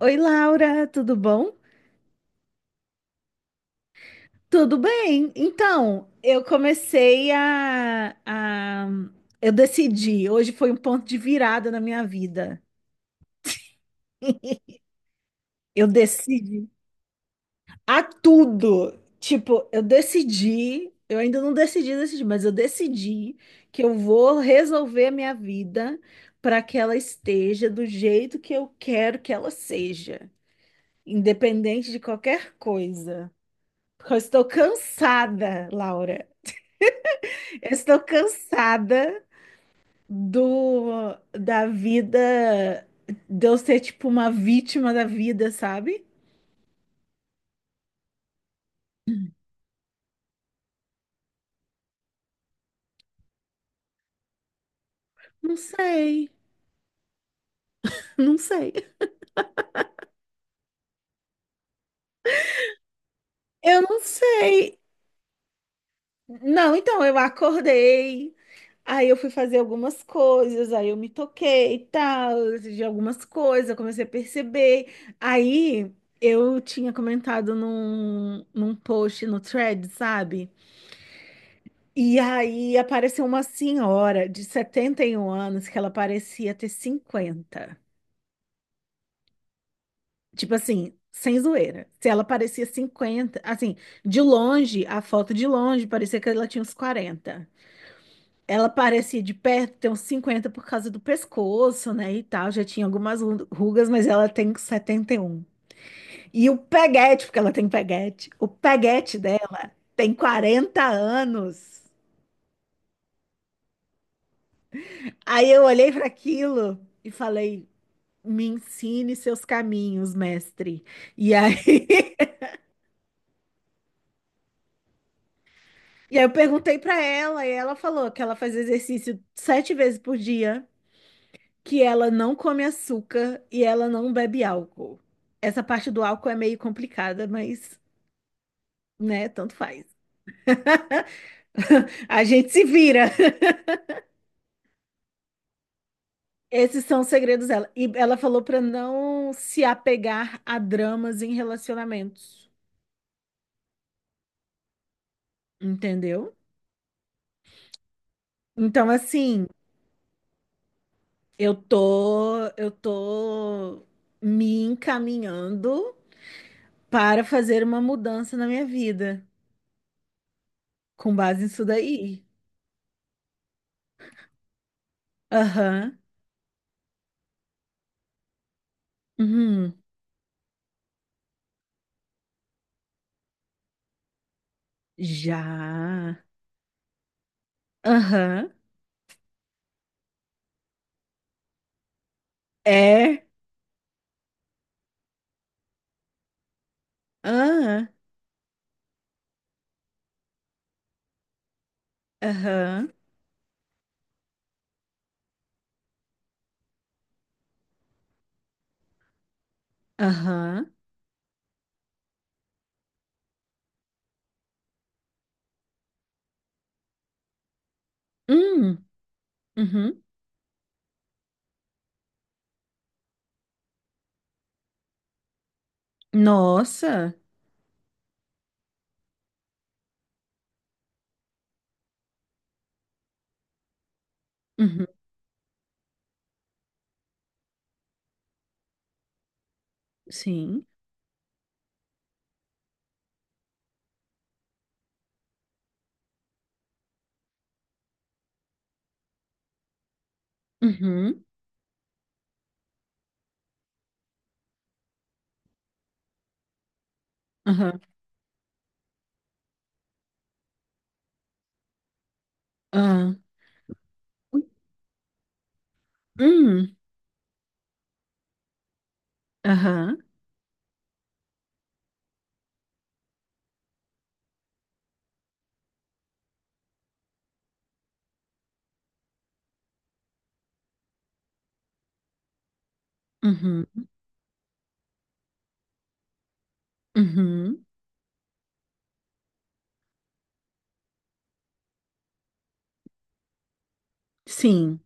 Oi, Laura, tudo bom? Tudo bem. Então, eu comecei, Eu decidi, hoje foi um ponto de virada na minha vida. Eu decidi a tudo. Tipo, eu decidi, eu ainda não decidi, decidi, mas eu decidi que eu vou resolver a minha vida para que ela esteja do jeito que eu quero que ela seja, independente de qualquer coisa. Porque eu estou cansada, Laura. Eu estou cansada do da vida, de eu ser tipo uma vítima da vida, sabe? Não sei, não sei. Eu não sei. Não, então eu acordei, aí eu fui fazer algumas coisas, aí eu me toquei e tal, de algumas coisas, eu comecei a perceber. Aí eu tinha comentado num post no thread, sabe? E aí apareceu uma senhora de 71 anos, que ela parecia ter 50. Tipo assim, sem zoeira. Se ela parecia 50, assim, de longe, a foto de longe parecia que ela tinha uns 40. Ela parecia, de perto, ter uns 50 por causa do pescoço, né, e tal. Já tinha algumas rugas, mas ela tem setenta e um. E o peguete, porque ela tem peguete, o peguete dela tem 40 anos. Aí eu olhei para aquilo e falei: "Me ensine seus caminhos, mestre." E aí, e aí eu perguntei para ela, e ela falou que ela faz exercício sete vezes por dia, que ela não come açúcar e ela não bebe álcool. Essa parte do álcool é meio complicada, mas, né, tanto faz. A gente se vira. Esses são os segredos dela. E ela falou para não se apegar a dramas em relacionamentos, entendeu? Então, assim. Eu tô me encaminhando para fazer uma mudança na minha vida, com base nisso daí. Aham. Uhum. Já. Aham. É. Aham. Aham. Aham. Hum. Uhum. Nossa. Uhum. Sim. Uhum. Aham. Aham. Hum. Aham. Uhum. Uhum. Sim.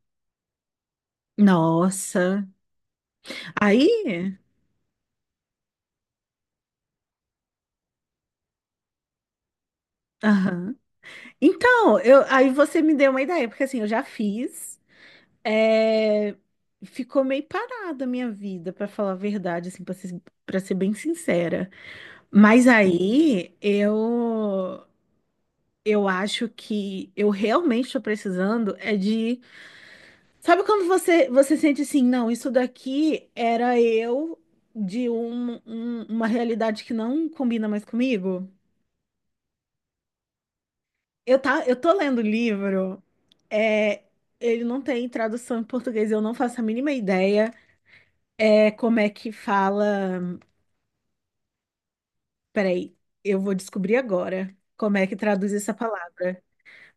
Nossa. Aí. Aham. Então, eu, aí você me deu uma ideia, porque assim, eu já fiz, é, ficou meio parada a minha vida, pra falar a verdade, assim, para ser bem sincera. Mas aí eu acho que eu realmente estou precisando é de, sabe quando você sente assim, não, isso daqui era eu de uma realidade que não combina mais comigo? Eu tô lendo livro. É, ele não tem tradução em português, eu não faço a mínima ideia. É, como é que fala. Peraí, eu vou descobrir agora como é que traduz essa palavra.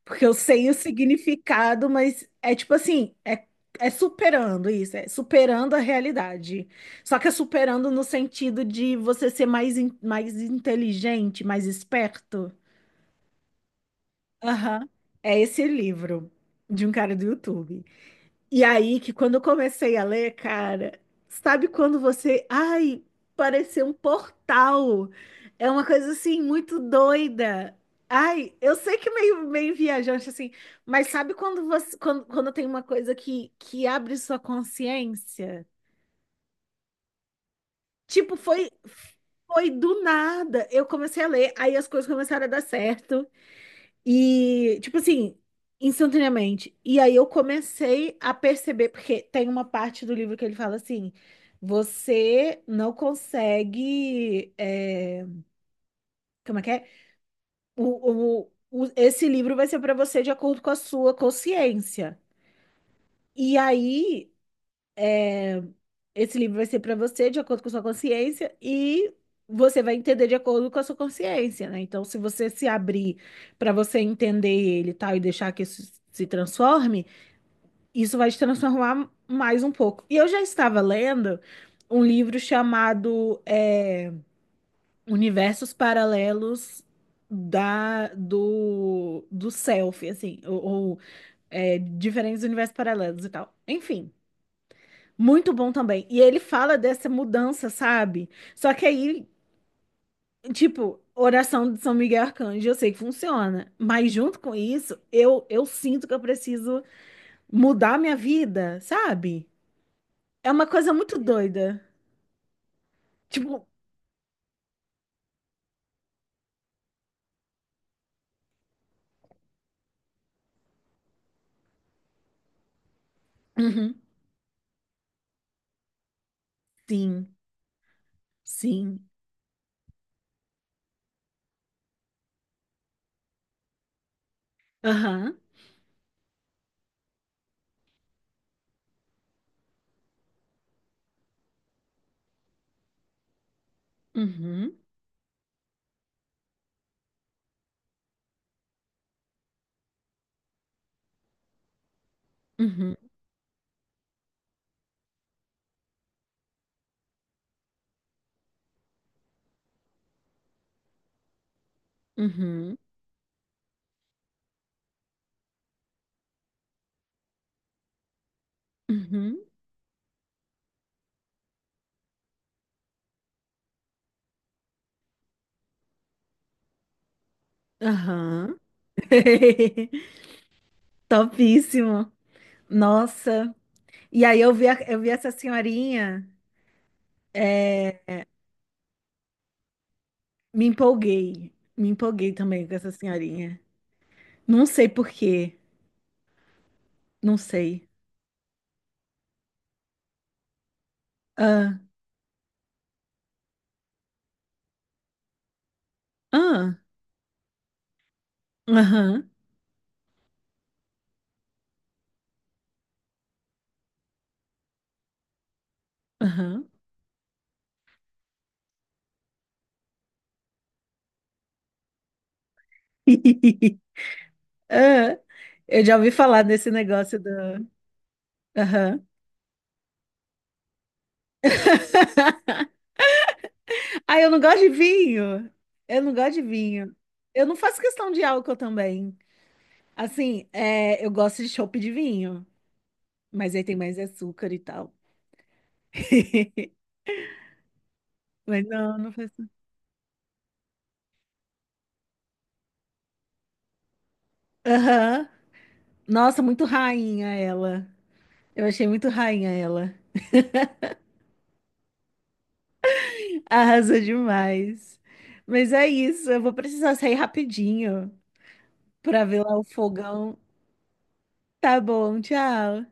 Porque eu sei o significado, mas é tipo assim, é, superando isso, é superando a realidade. Só que é superando no sentido de você ser mais, mais inteligente, mais esperto. Aham. É esse livro de um cara do YouTube. E aí que, quando eu comecei a ler, cara, sabe quando você, ai, pareceu um portal. É uma coisa assim muito doida. Ai, eu sei que meio viajante assim, mas sabe quando você quando tem uma coisa que abre sua consciência? Tipo, foi do nada. Eu comecei a ler, aí as coisas começaram a dar certo. E, tipo assim, instantaneamente. E aí eu comecei a perceber, porque tem uma parte do livro que ele fala assim: você não consegue. É, como é que é? Esse livro vai ser para você de acordo com a sua consciência. E aí, esse livro vai ser para você de acordo com a sua consciência e. Você vai entender de acordo com a sua consciência, né? Então, se você se abrir para você entender ele, e tal, e deixar que isso se transforme, isso vai te transformar mais um pouco. E eu já estava lendo um livro chamado, é, Universos Paralelos da do Self, assim, ou, é, diferentes universos paralelos e tal. Enfim, muito bom também. E ele fala dessa mudança, sabe? Só que aí, tipo, oração de São Miguel Arcanjo, eu sei que funciona, mas junto com isso, eu sinto que eu preciso mudar minha vida, sabe? É uma coisa muito doida. Tipo, uhum, sim, sim, aham, uhum, uhum, uhum, uhum, aham. Topíssimo. Nossa. E aí eu vi essa senhorinha, é, me empolguei. Me empolguei também com essa senhorinha. Não sei por quê, não sei. Ah, ah, aham, aham. Ah, eu já ouvi falar desse negócio do... Aham. Ah, eu não gosto de vinho. Eu não gosto de vinho. Eu não faço questão de álcool também. Assim, é, eu gosto de chopp de vinho, mas aí tem mais açúcar e tal. Mas não, não faço. Aham. Nossa, muito rainha ela. Eu achei muito rainha ela. Arrasou demais. Mas é isso, eu vou precisar sair rapidinho pra ver lá o fogão. Tá bom, tchau.